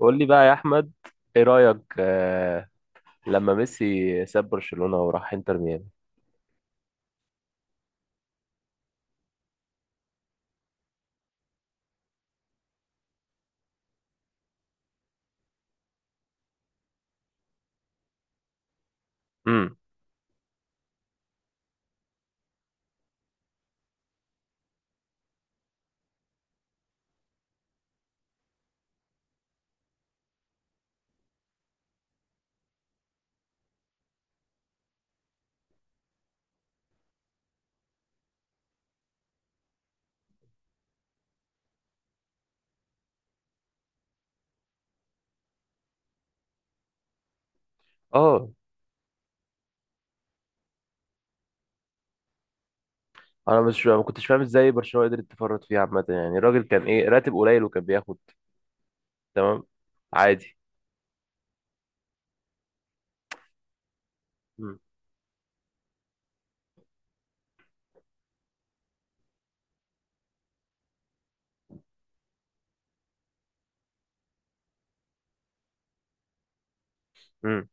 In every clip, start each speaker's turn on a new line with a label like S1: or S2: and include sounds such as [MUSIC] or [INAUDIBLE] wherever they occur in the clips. S1: قول لي بقى يا احمد، ايه رايك؟ لما ميسي ساب برشلونه وراح انتر ميامي. امم اه. انا مش ما كنتش فاهم ازاي برشلونه قدرت تفرط فيه عامه، يعني الراجل كان ايه؟ راتب قليل وكان بياخد؟ تمام. عادي. امم امم.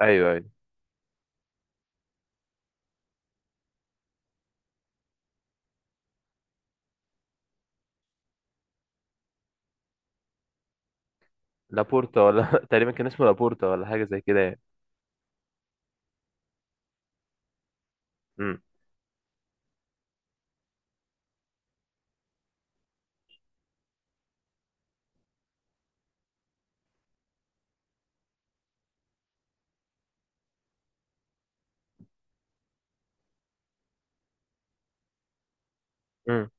S1: ايوه ايوه. لابورتا ولا [LAUGHS] تقريبا كان اسمه لابورتا، ولا حاجه زي كده يعني. امم امم.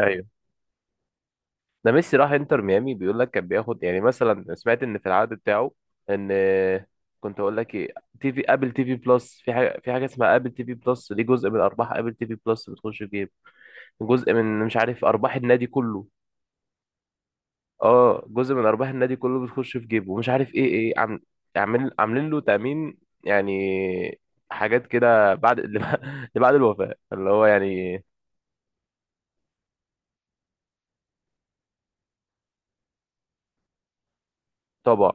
S1: ايوه، ده ميسي راح انتر ميامي، بيقول لك كان بياخد يعني مثلا، سمعت ان في العقد بتاعه ان، كنت اقول لك ايه، تي في، ابل تي في بلس، في حاجه، في حاجه اسمها ابل تي في بلس دي، جزء من ارباح ابل تي في بلس بتخش في جيب. جزء من، مش عارف، ارباح النادي كله. اه، جزء من ارباح النادي كله بتخش في جيبه، ومش عارف ايه، ايه عم، عامل، عاملين له تامين يعني، حاجات كده بعد [LAUGHS] اللي، بعد الوفاه اللي هو يعني. طبعا.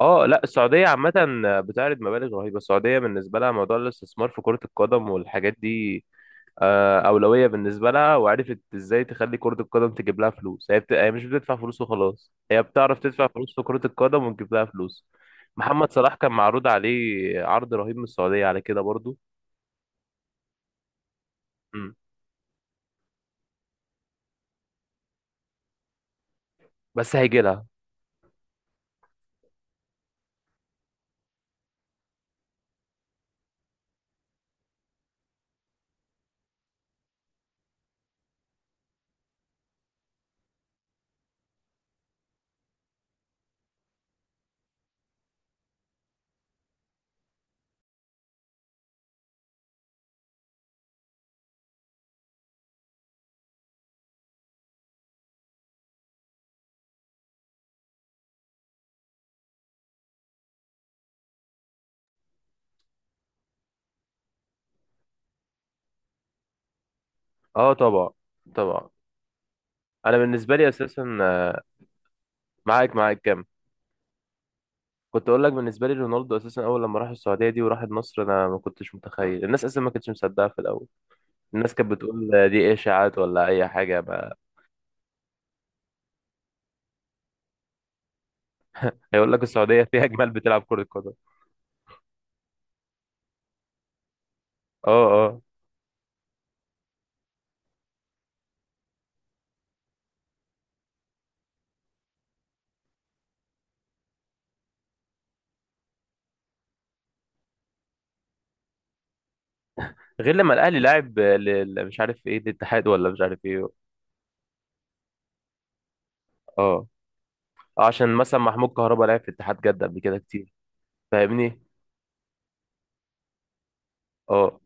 S1: اه، لا السعودية عامة بتعرض مبالغ رهيبة. السعودية بالنسبة لها موضوع الاستثمار في كرة القدم والحاجات دي أولوية بالنسبة لها. وعرفت ازاي تخلي كرة القدم تجيب لها فلوس. هي مش بتدفع فلوس وخلاص، هي بتعرف تدفع فلوس في كرة القدم وتجيب لها فلوس. محمد صلاح كان معروض عليه عرض رهيب من السعودية على كده برضو. مم. بس هيجي لها. اه، طبعا. طبعا. انا بالنسبة لي اساسا معاك كم، كنت اقول لك، بالنسبه لي رونالدو اساسا اول لما راح السعوديه دي وراح النصر، انا ما كنتش متخيل. الناس اصلا ما كانتش مصدقه في الاول، الناس كانت بتقول دي ايه، اشاعات ولا اي حاجه؟ ما هيقول لك السعوديه فيها جمال بتلعب كره قدم. اه اه. غير لما الاهلي لعب لل- مش عارف ايه، الاتحاد ولا مش عارف ايه. اه، عشان مثلا محمود كهربا لعب في اتحاد جده قبل كده كتير. فاهمني؟ اه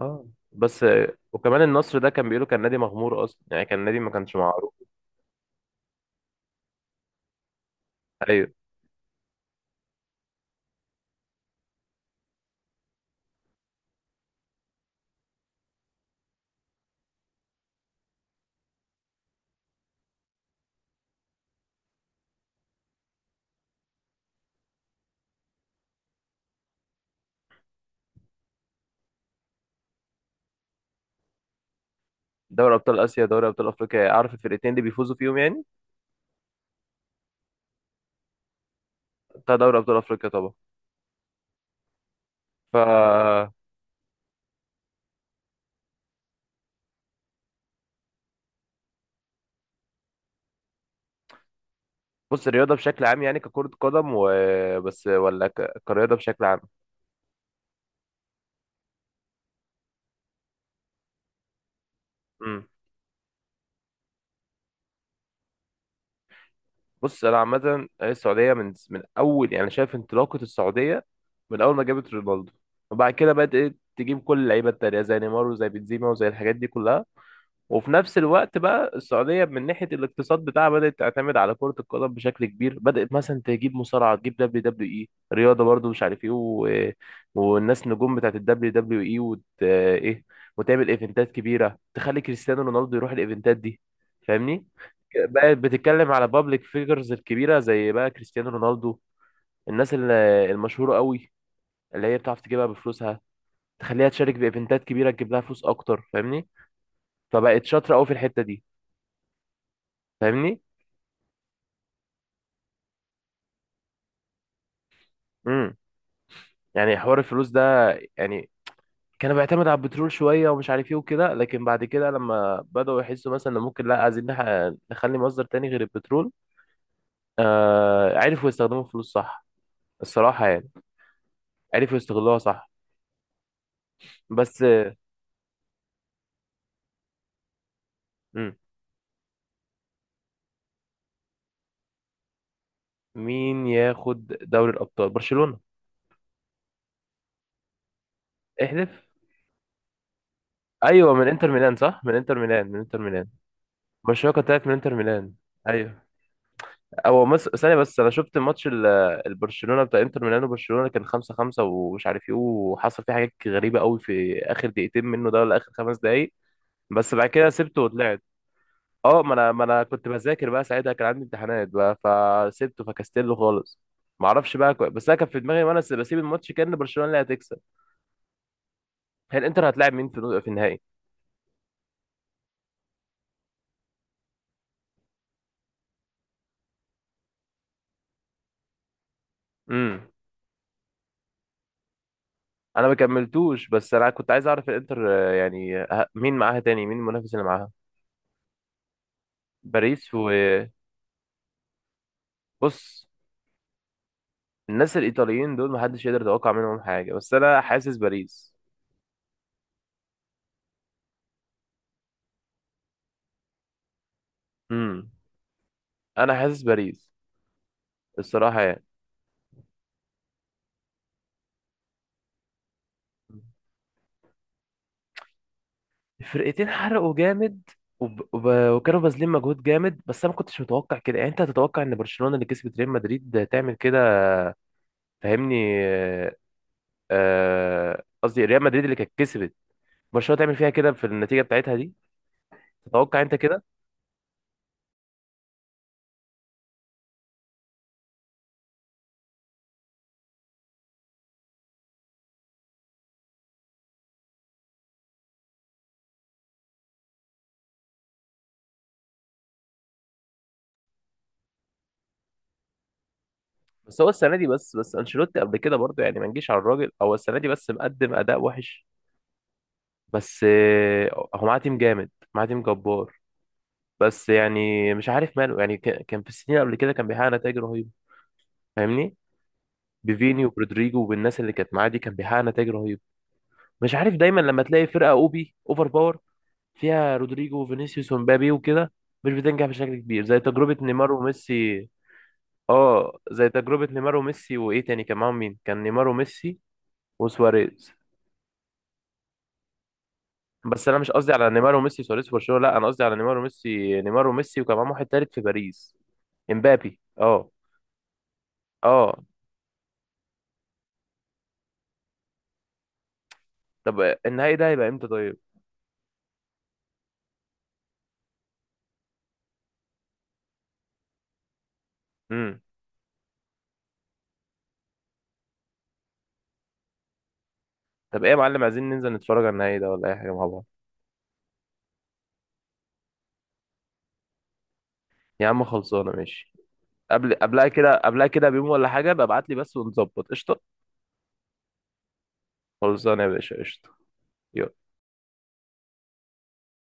S1: اه. بس وكمان النصر ده كان بيقولوا كان نادي مغمور اصلا، يعني كان نادي ما كانش معروف. ايوه. دوري ابطال اسيا، دوري ابطال افريقيا، عارف الفرقتين اللي بيفوزوا فيهم يعني. بتاع دوري ابطال افريقيا طبعا. ف، بص الرياضه بشكل عام يعني ككره قدم وبس، ولا ك... كرياضه بشكل عام؟ امم. بص، انا عامه السعوديه من اول، يعني شايف انطلاقه السعوديه من اول ما جابت رونالدو، وبعد كده بدات تجيب كل اللعيبه التانيه زي نيمار وزي بنزيما وزي الحاجات دي كلها. وفي نفس الوقت بقى السعودية من ناحية الاقتصاد بتاعها بدأت تعتمد على كرة القدم بشكل كبير. بدأت مثلا تجيب مصارعة، تجيب دبليو دبليو اي، رياضة برضو مش عارف ايه، و... والناس نجوم بتاعت الدبليو دبليو اي، وت... ايه، وتعمل ايفنتات كبيرة تخلي كريستيانو رونالدو يروح الايفنتات دي. فاهمني؟ بقت بتتكلم على بابليك فيجرز الكبيرة زي بقى كريستيانو رونالدو. الناس ال- المشهورة قوي اللي هي بتعرف تجيبها بفلوسها، تخليها تشارك بايفنتات كبيرة تجيب لها فلوس اكتر. فاهمني؟ فبقت شاطرة قوي في الحتة دي. فاهمني؟ امم. يعني حوار الفلوس ده يعني كان بيعتمد على البترول شويه ومش عارف ايه وكده، لكن بعد كده لما بداوا يحسوا مثلا ان ممكن لا، عايزين نح- نخلي مصدر تاني غير البترول، آه عرفوا يستخدموا الفلوس صح، الصراحه يعني. عرفوا يستغلوها صح. بس، مم. مين ياخد دوري الابطال؟ برشلونه. احلف. ايوه، من انتر ميلان. صح، من انتر ميلان، من انتر ميلان. برشلونه كانت طلعت من انتر ميلان. ايوه. هو مس... ثانية بس، أنا شفت ماتش ال- البرشلونة بتاع إنتر ميلانو. برشلونة كان خمسة خمسة ومش عارف إيه، وحصل فيه حاجات غريبة قوي في آخر دقيقتين منه ده ولا آخر خمس دقايق. بس بعد كده سبته وطلعت. أه، ما أنا كنت بذاكر بقى ساعتها، كان عندي امتحانات بقى، فسبته فكستله خالص. معرفش بقى كو... بس أنا كان في دماغي وأنا س- بسيب الماتش كأن برشلونة اللي هتكسب. هي الإنتر هتلاعب مين في في النهائي؟ امم. أنا ما كملتوش، بس أنا كنت عايز أعرف الإنتر يعني مين معاها تاني، مين المنافس اللي معاها؟ باريس و، بص، الناس الإيطاليين دول محدش يقدر يتوقع منهم حاجة، بس أنا حاسس باريس. امم. أنا حاسس باريس الصراحة يعني. الفرقتين حرقوا جامد، وب... وب... وكانوا باذلين مجهود جامد. بس انا ما كنتش متوقع كده يعني. انت هتتوقع ان برشلونة اللي كسبت ريال مدريد تعمل كده؟ فاهمني؟ قصدي ريال مدريد اللي كانت كسبت برشلونة، تعمل فيها كده في النتيجة بتاعتها دي؟ تتوقع انت كده؟ بس هو السنة دي بس، انشيلوتي قبل كده برضه يعني ما نجيش على الراجل، هو السنة دي بس مقدم اداء وحش. بس هو معاه تيم جامد، معاه تيم جبار. بس يعني مش عارف ماله، يعني ك- كان في السنين قبل كده كان بيحقق نتائج رهيبة. فاهمني؟ بفيني وبرودريجو والناس اللي كانت معاه دي كان بيحقق نتائج رهيبة. مش عارف، دايما لما تلاقي فرقة اوبي اوفر باور فيها رودريجو وفينيسيوس ومبابي وكده، مش بتنجح بشكل كبير، زي تجربة نيمار وميسي. اه، زي تجربة نيمار وميسي وايه تاني كان معاهم، مين كان؟ نيمار وميسي وسواريز. بس انا مش قصدي على نيمار وميسي وسواريز في برشلونة، لا انا قصدي على نيمار وميسي، نيمار وميسي وكان معاهم واحد تالت في باريس. امبابي اه. اه. طب، النهائي ده هيبقى امتى طيب؟ امم. طب ايه يا معلم، عايزين ننزل نتفرج على النهائي ده ولا اي حاجه مع بعض؟ يا عم خلصانه، ماشي. قبل، قبلها كده، قبلها كده بيوم ولا حاجه ببعت لي بس ونظبط قشطه. خلصانه يا باشا قشطه. يلا.